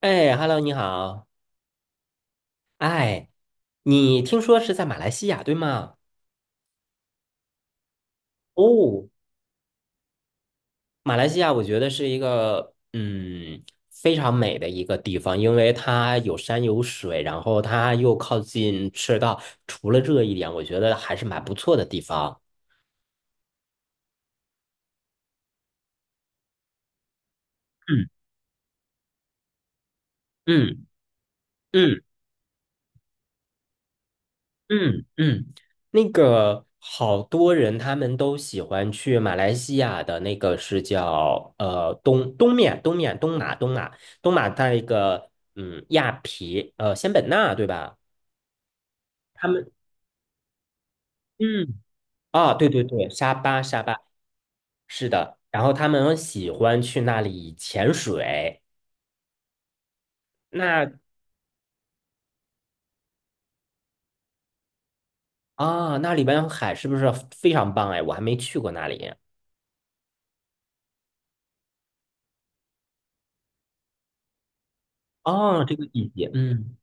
哎，Hello，你好。哎，你听说是在马来西亚，对吗？哦，马来西亚我觉得是一个非常美的一个地方，因为它有山有水，然后它又靠近赤道，除了这一点，我觉得还是蛮不错的地方。嗯嗯嗯。嗯嗯，那个好多人他们都喜欢去马来西亚的那个是叫呃东东面东面东马东马东马在一个嗯亚皮呃仙本那对吧？他们。嗯。啊，对对对，沙巴沙巴。是的，然后他们喜欢去那里潜水，那，啊，那里边海是不是非常棒哎？我还没去过那里。哦，这个季节嗯。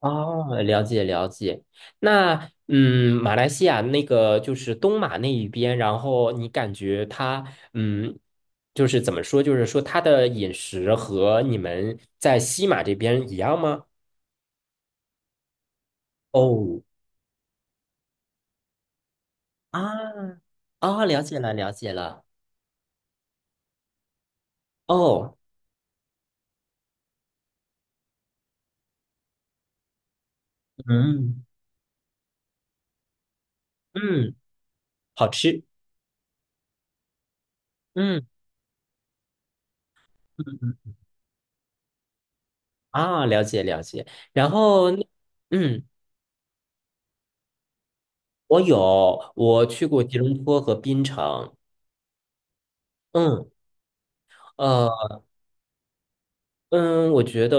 哦，了解了解。那嗯，马来西亚那个就是东马那一边，然后你感觉它嗯，就是怎么说，就是说它的饮食和你们在西马这边一样吗？哦。啊，啊，了解了解了。哦，嗯嗯，好吃。嗯嗯嗯，啊，了解了解。然后那嗯，我我去过吉隆坡和槟城。嗯。呃。嗯，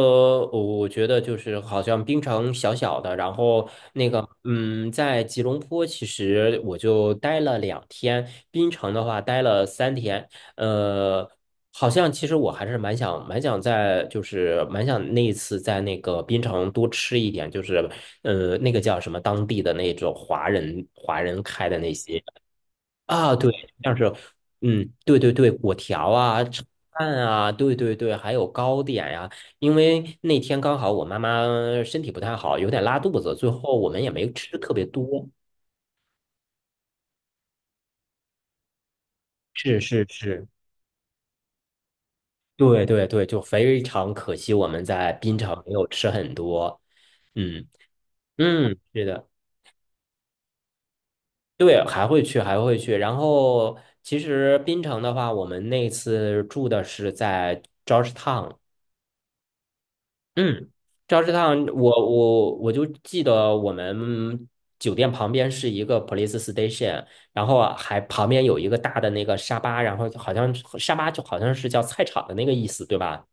我觉得就是好像槟城小小的，然后那个，嗯，在吉隆坡其实我就待了两天，槟城的话待了三天，呃，好像其实我还是蛮想那一次在那个槟城多吃一点，就是那个叫什么当地的那种华人开的那些。啊，对，像是，嗯，对对对，果条啊，炒饭啊，对对对，还有糕点呀、因为那天刚好我妈妈身体不太好，有点拉肚子，最后我们也没吃特别多。是是是，对对对，就非常可惜，我们在槟城没有吃很多。嗯嗯，是的，对，还会去，还会去。然后其实槟城的话，我们那次住的是在 Georgetown。嗯，赵氏烫，我就记得我们酒店旁边是一个 police station,然后啊还旁边有一个大的那个沙巴，然后就好像沙巴就好像是叫菜场的那个意思，对吧？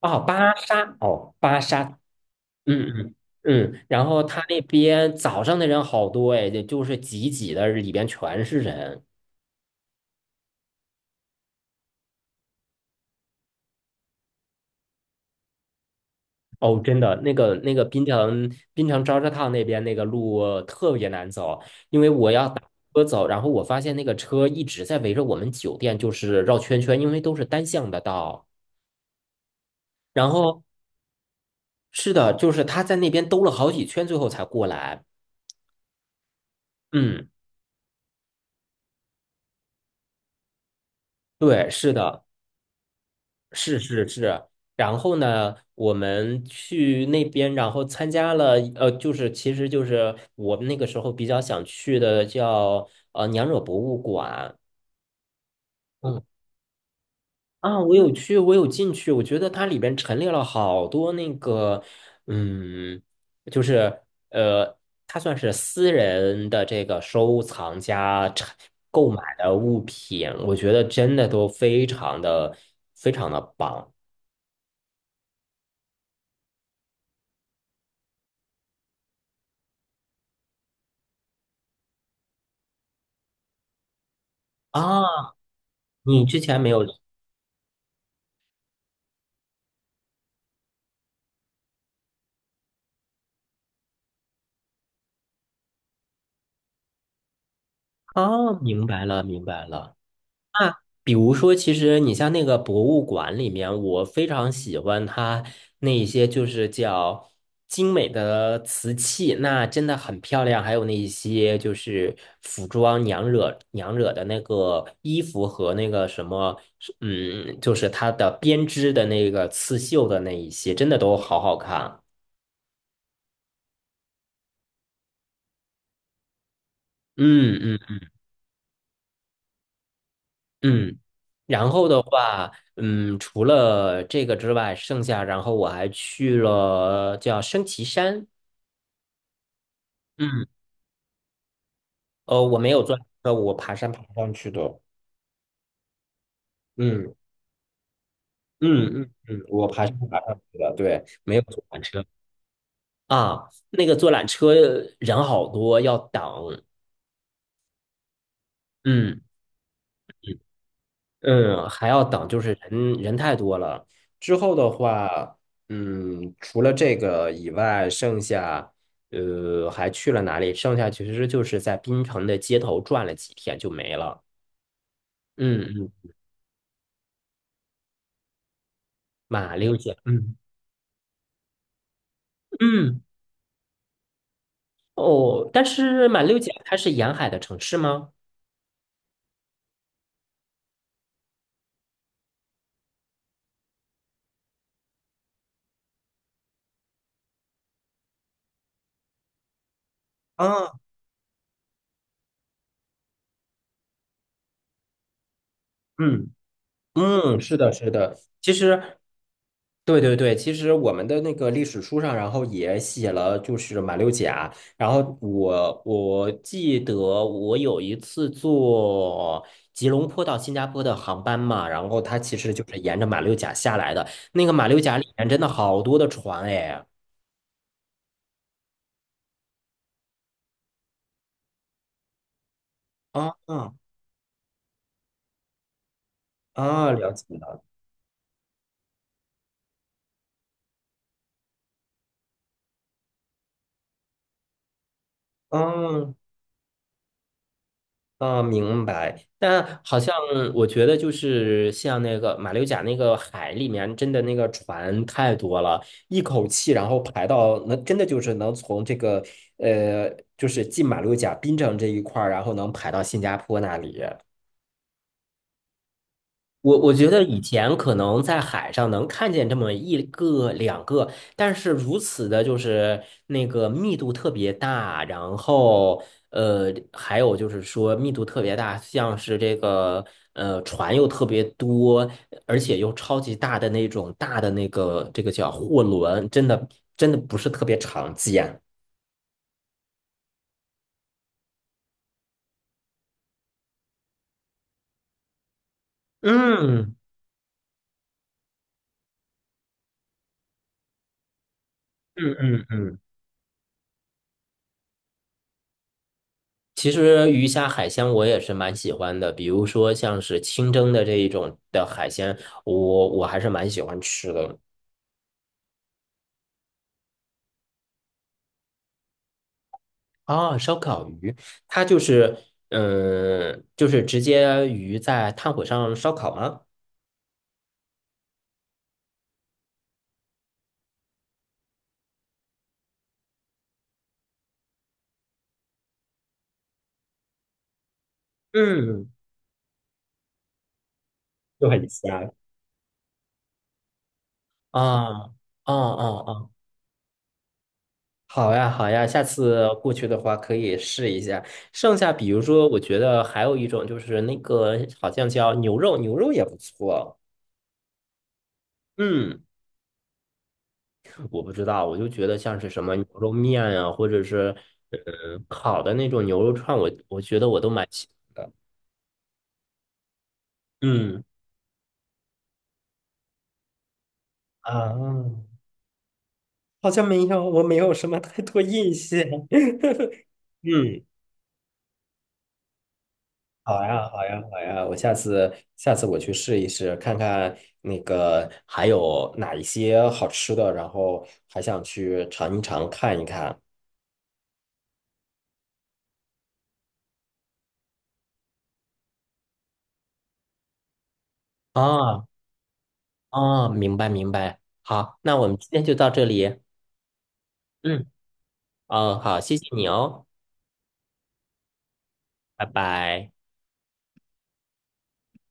哦，巴沙，哦，巴沙，嗯嗯嗯，然后他那边早上的人好多哎，就是挤挤的，里边全是人。哦，真的，那个滨城昭示烫那边那个路特别难走，因为我要打车走，然后我发现那个车一直在围着我们酒店就是绕圈圈，因为都是单向的道。然后是的，就是他在那边兜了好几圈，最后才过来。嗯，对，是的，是是是。然后呢，我们去那边，然后参加了，就是其实就是我们那个时候比较想去的叫娘惹博物馆。嗯。啊，我有去，我有进去，我觉得它里边陈列了好多那个，嗯，就是呃，它算是私人的这个收藏家陈购买的物品，我觉得真的都非常的棒。啊！你之前没有。啊？明白了，明白了。那比如说，其实你像那个博物馆里面，我非常喜欢它那一些就是叫精美的瓷器，那真的很漂亮。还有那一些就是服装娘惹的那个衣服和那个什么，嗯，就是它的编织的那个刺绣的那一些，真的都好好看。嗯嗯嗯，然后的话，嗯，除了这个之外，剩下然后我还去了叫升旗山，嗯，我没有坐车，我爬山爬上去的，嗯嗯，我爬山爬上去的，对，没有坐缆车。啊，那个坐缆车人好多，要等，嗯。嗯，还要等，就是人太多了。之后的话，嗯，除了这个以外，剩下还去了哪里？剩下其实就是在槟城的街头转了几天就没了。嗯嗯，马六甲，嗯嗯，哦，但是马六甲它是沿海的城市吗？啊，嗯嗯，是的，是的。其实对对对，其实我们的那个历史书上，然后也写了，就是马六甲。然后我记得我有一次坐吉隆坡到新加坡的航班嘛，然后它其实就是沿着马六甲下来的。那个马六甲里面真的好多的船哎，啊啊，啊了解了，啊，啊，明白。但好像我觉得，就是像那个马六甲那个海里面，真的那个船太多了，一口气然后排到能，真的就是能从这个呃，就是进马六甲槟城这一块儿，然后能排到新加坡那里。我觉得以前可能在海上能看见这么一个两个，但是如此的就是那个密度特别大，然后呃，还有就是说密度特别大，像是这个船又特别多，而且又超级大的那个叫货轮，真的不是特别常见。嗯嗯嗯嗯。其实鱼虾海鲜我也是蛮喜欢的，比如说像是清蒸的这一种的海鲜，我还是蛮喜欢吃的。啊，烧烤鱼，它就是，嗯，就是直接鱼在炭火上烧烤吗？嗯，就很香。啊，哦哦哦，好呀好呀，下次过去的话可以试一下。剩下比如说，我觉得还有一种就是那个好像叫牛肉，牛肉也不错。嗯。我不知道，我就觉得像是什么牛肉面啊，或者是烤的那种牛肉串，我觉得我都蛮喜欢的。嗯，啊，好像没有，我没有什么太多印象。嗯，好呀，好呀，好呀，我下次下次我去试一试，看看那个还有哪一些好吃的，然后还想去尝一尝，看一看。啊啊，明白明白。好，那我们今天就到这里。嗯，哦，好，谢谢你哦。拜拜。